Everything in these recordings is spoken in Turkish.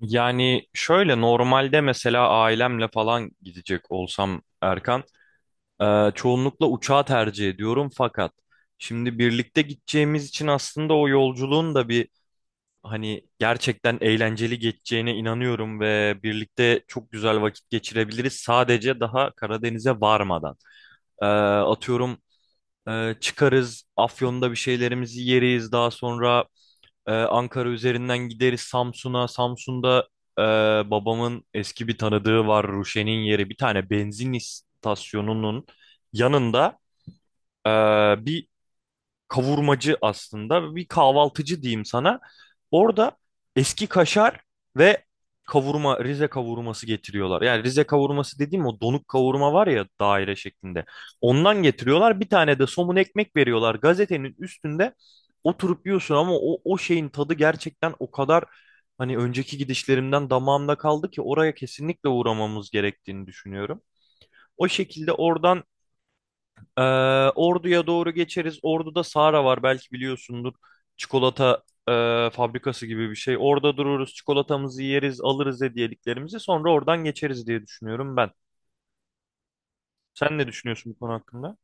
Yani şöyle normalde mesela ailemle falan gidecek olsam Erkan, çoğunlukla uçağı tercih ediyorum. Fakat şimdi birlikte gideceğimiz için aslında o yolculuğun da bir hani gerçekten eğlenceli geçeceğine inanıyorum ve birlikte çok güzel vakit geçirebiliriz sadece daha Karadeniz'e varmadan. Atıyorum, çıkarız Afyon'da bir şeylerimizi yeriz, daha sonra Ankara üzerinden gideriz Samsun'a. Samsun'da e, babamın eski bir tanıdığı var, Ruşen'in yeri. Bir tane benzin istasyonunun yanında e, bir kavurmacı, aslında bir kahvaltıcı diyeyim sana. Orada eski kaşar ve kavurma, Rize kavurması getiriyorlar. Yani Rize kavurması dediğim, o donuk kavurma var ya, daire şeklinde. Ondan getiriyorlar. Bir tane de somun ekmek veriyorlar. Gazetenin üstünde oturup yiyorsun, ama o şeyin tadı gerçekten o kadar hani önceki gidişlerimden damağımda kaldı ki oraya kesinlikle uğramamız gerektiğini düşünüyorum. O şekilde oradan ee, Ordu'ya doğru geçeriz. Ordu'da Sara var, belki biliyorsundur. Çikolata fabrikası gibi bir şey. Orada dururuz, çikolatamızı yeriz, alırız hediyeliklerimizi. Sonra oradan geçeriz diye düşünüyorum ben. Sen ne düşünüyorsun bu konu hakkında?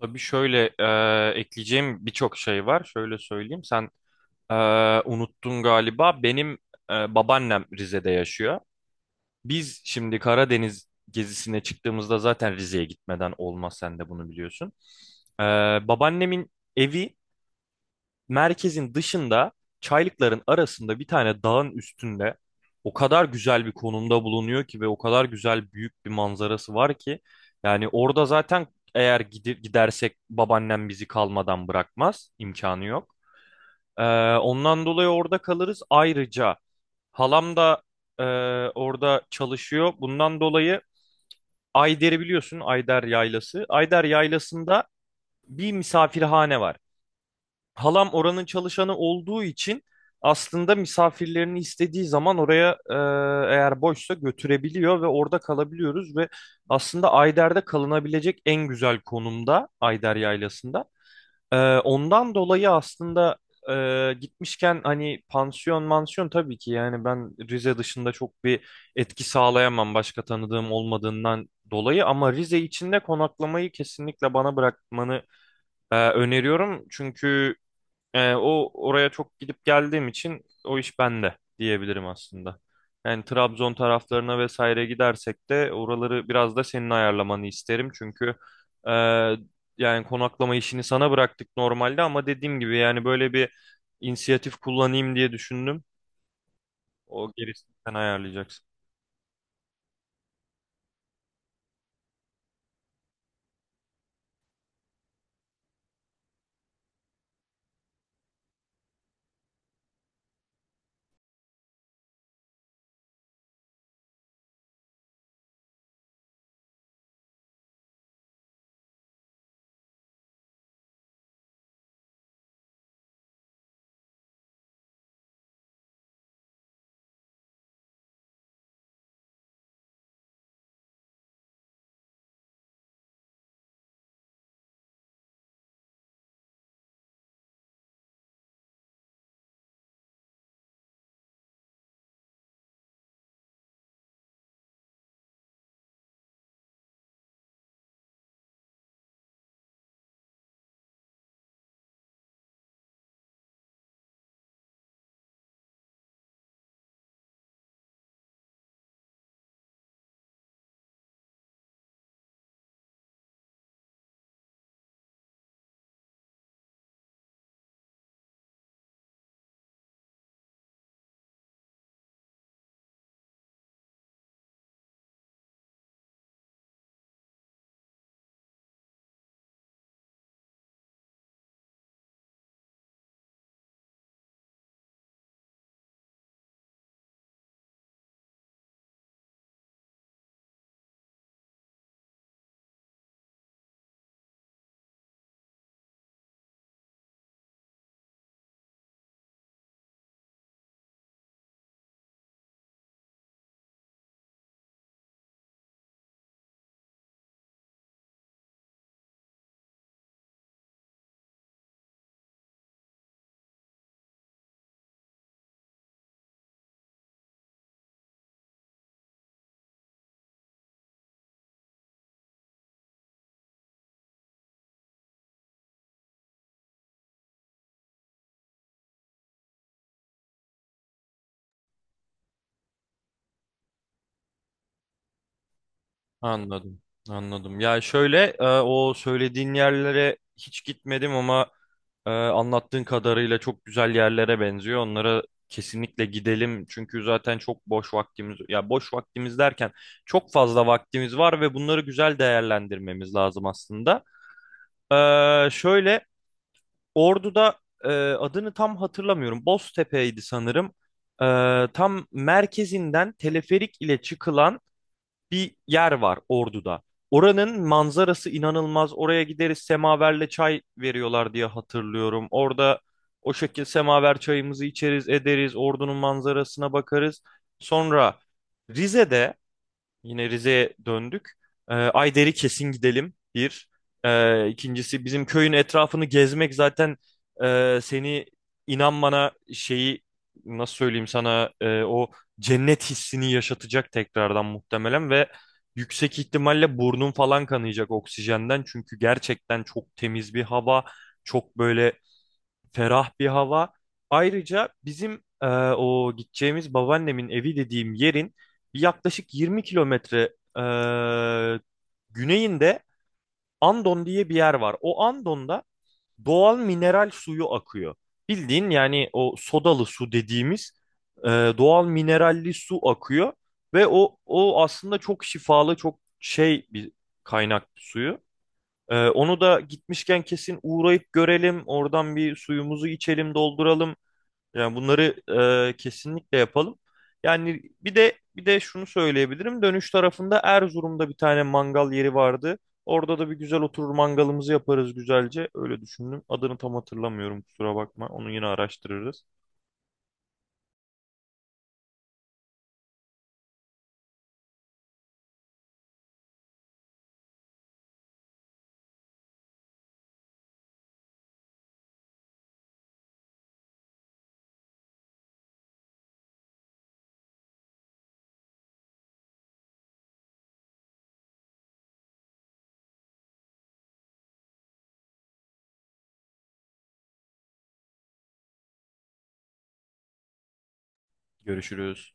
Tabii şöyle, ekleyeceğim birçok şey var. Şöyle söyleyeyim. Sen e, unuttun galiba. Benim babaannem Rize'de yaşıyor. Biz şimdi Karadeniz gezisine çıktığımızda zaten Rize'ye gitmeden olmaz. Sen de bunu biliyorsun. E, Babaannemin evi merkezin dışında, çaylıkların arasında, bir tane dağın üstünde o kadar güzel bir konumda bulunuyor ki ve o kadar güzel büyük bir manzarası var ki yani orada zaten eğer gidersek babaannem bizi kalmadan bırakmaz, imkanı yok. Ee, Ondan dolayı orada kalırız. Ayrıca halam da e, orada çalışıyor. Bundan dolayı Ayder'i biliyorsun, Ayder Yaylası. Ayder Yaylası'nda bir misafirhane var. Halam oranın çalışanı olduğu için aslında misafirlerini istediği zaman oraya, eğer boşsa, götürebiliyor ve orada kalabiliyoruz ve aslında Ayder'de kalınabilecek en güzel konumda, Ayder Yaylası'nda. Ondan dolayı aslında gitmişken hani pansiyon mansiyon tabii ki, yani ben Rize dışında çok bir etki sağlayamam başka tanıdığım olmadığından dolayı, ama Rize içinde konaklamayı kesinlikle bana bırakmanı öneriyorum. Çünkü o oraya çok gidip geldiğim için o iş bende diyebilirim aslında. Yani Trabzon taraflarına vesaire gidersek de oraları biraz da senin ayarlamanı isterim. Çünkü e, yani konaklama işini sana bıraktık normalde, ama dediğim gibi yani böyle bir inisiyatif kullanayım diye düşündüm. O gerisini sen ayarlayacaksın. Anladım, anladım. Ya şöyle, o söylediğin yerlere hiç gitmedim, ama anlattığın kadarıyla çok güzel yerlere benziyor. Onlara kesinlikle gidelim, çünkü zaten çok boş vaktimiz, ya boş vaktimiz derken çok fazla vaktimiz var ve bunları güzel değerlendirmemiz lazım aslında. Şöyle, Ordu'da adını tam hatırlamıyorum. Boztepe'ydi sanırım. E, Tam merkezinden teleferik ile çıkılan bir yer var Ordu'da. Oranın manzarası inanılmaz. Oraya gideriz, semaverle çay veriyorlar diye hatırlıyorum. Orada o şekilde semaver çayımızı içeriz ederiz. Ordu'nun manzarasına bakarız. Sonra Rize'de, yine Rize'ye döndük. Ayder'i kesin gidelim. Bir. İkincisi bizim köyün etrafını gezmek zaten seni, inan bana, şeyi nasıl söyleyeyim sana, o cennet hissini yaşatacak tekrardan muhtemelen ve yüksek ihtimalle burnun falan kanayacak oksijenden. Çünkü gerçekten çok temiz bir hava. Çok böyle ferah bir hava. Ayrıca bizim o gideceğimiz babaannemin evi dediğim yerin bir yaklaşık 20 kilometre güneyinde Andon diye bir yer var. O Andon'da doğal mineral suyu akıyor. Bildiğin yani o sodalı su dediğimiz e, doğal mineralli su akıyor ve o aslında çok şifalı, çok şey bir kaynak suyu. Onu da gitmişken kesin uğrayıp görelim. Oradan bir suyumuzu içelim, dolduralım. Yani bunları kesinlikle yapalım. Yani bir de şunu söyleyebilirim. Dönüş tarafında Erzurum'da bir tane mangal yeri vardı. Orada da bir güzel oturur mangalımızı yaparız güzelce. Öyle düşündüm. Adını tam hatırlamıyorum, kusura bakma. Onu yine araştırırız. Görüşürüz.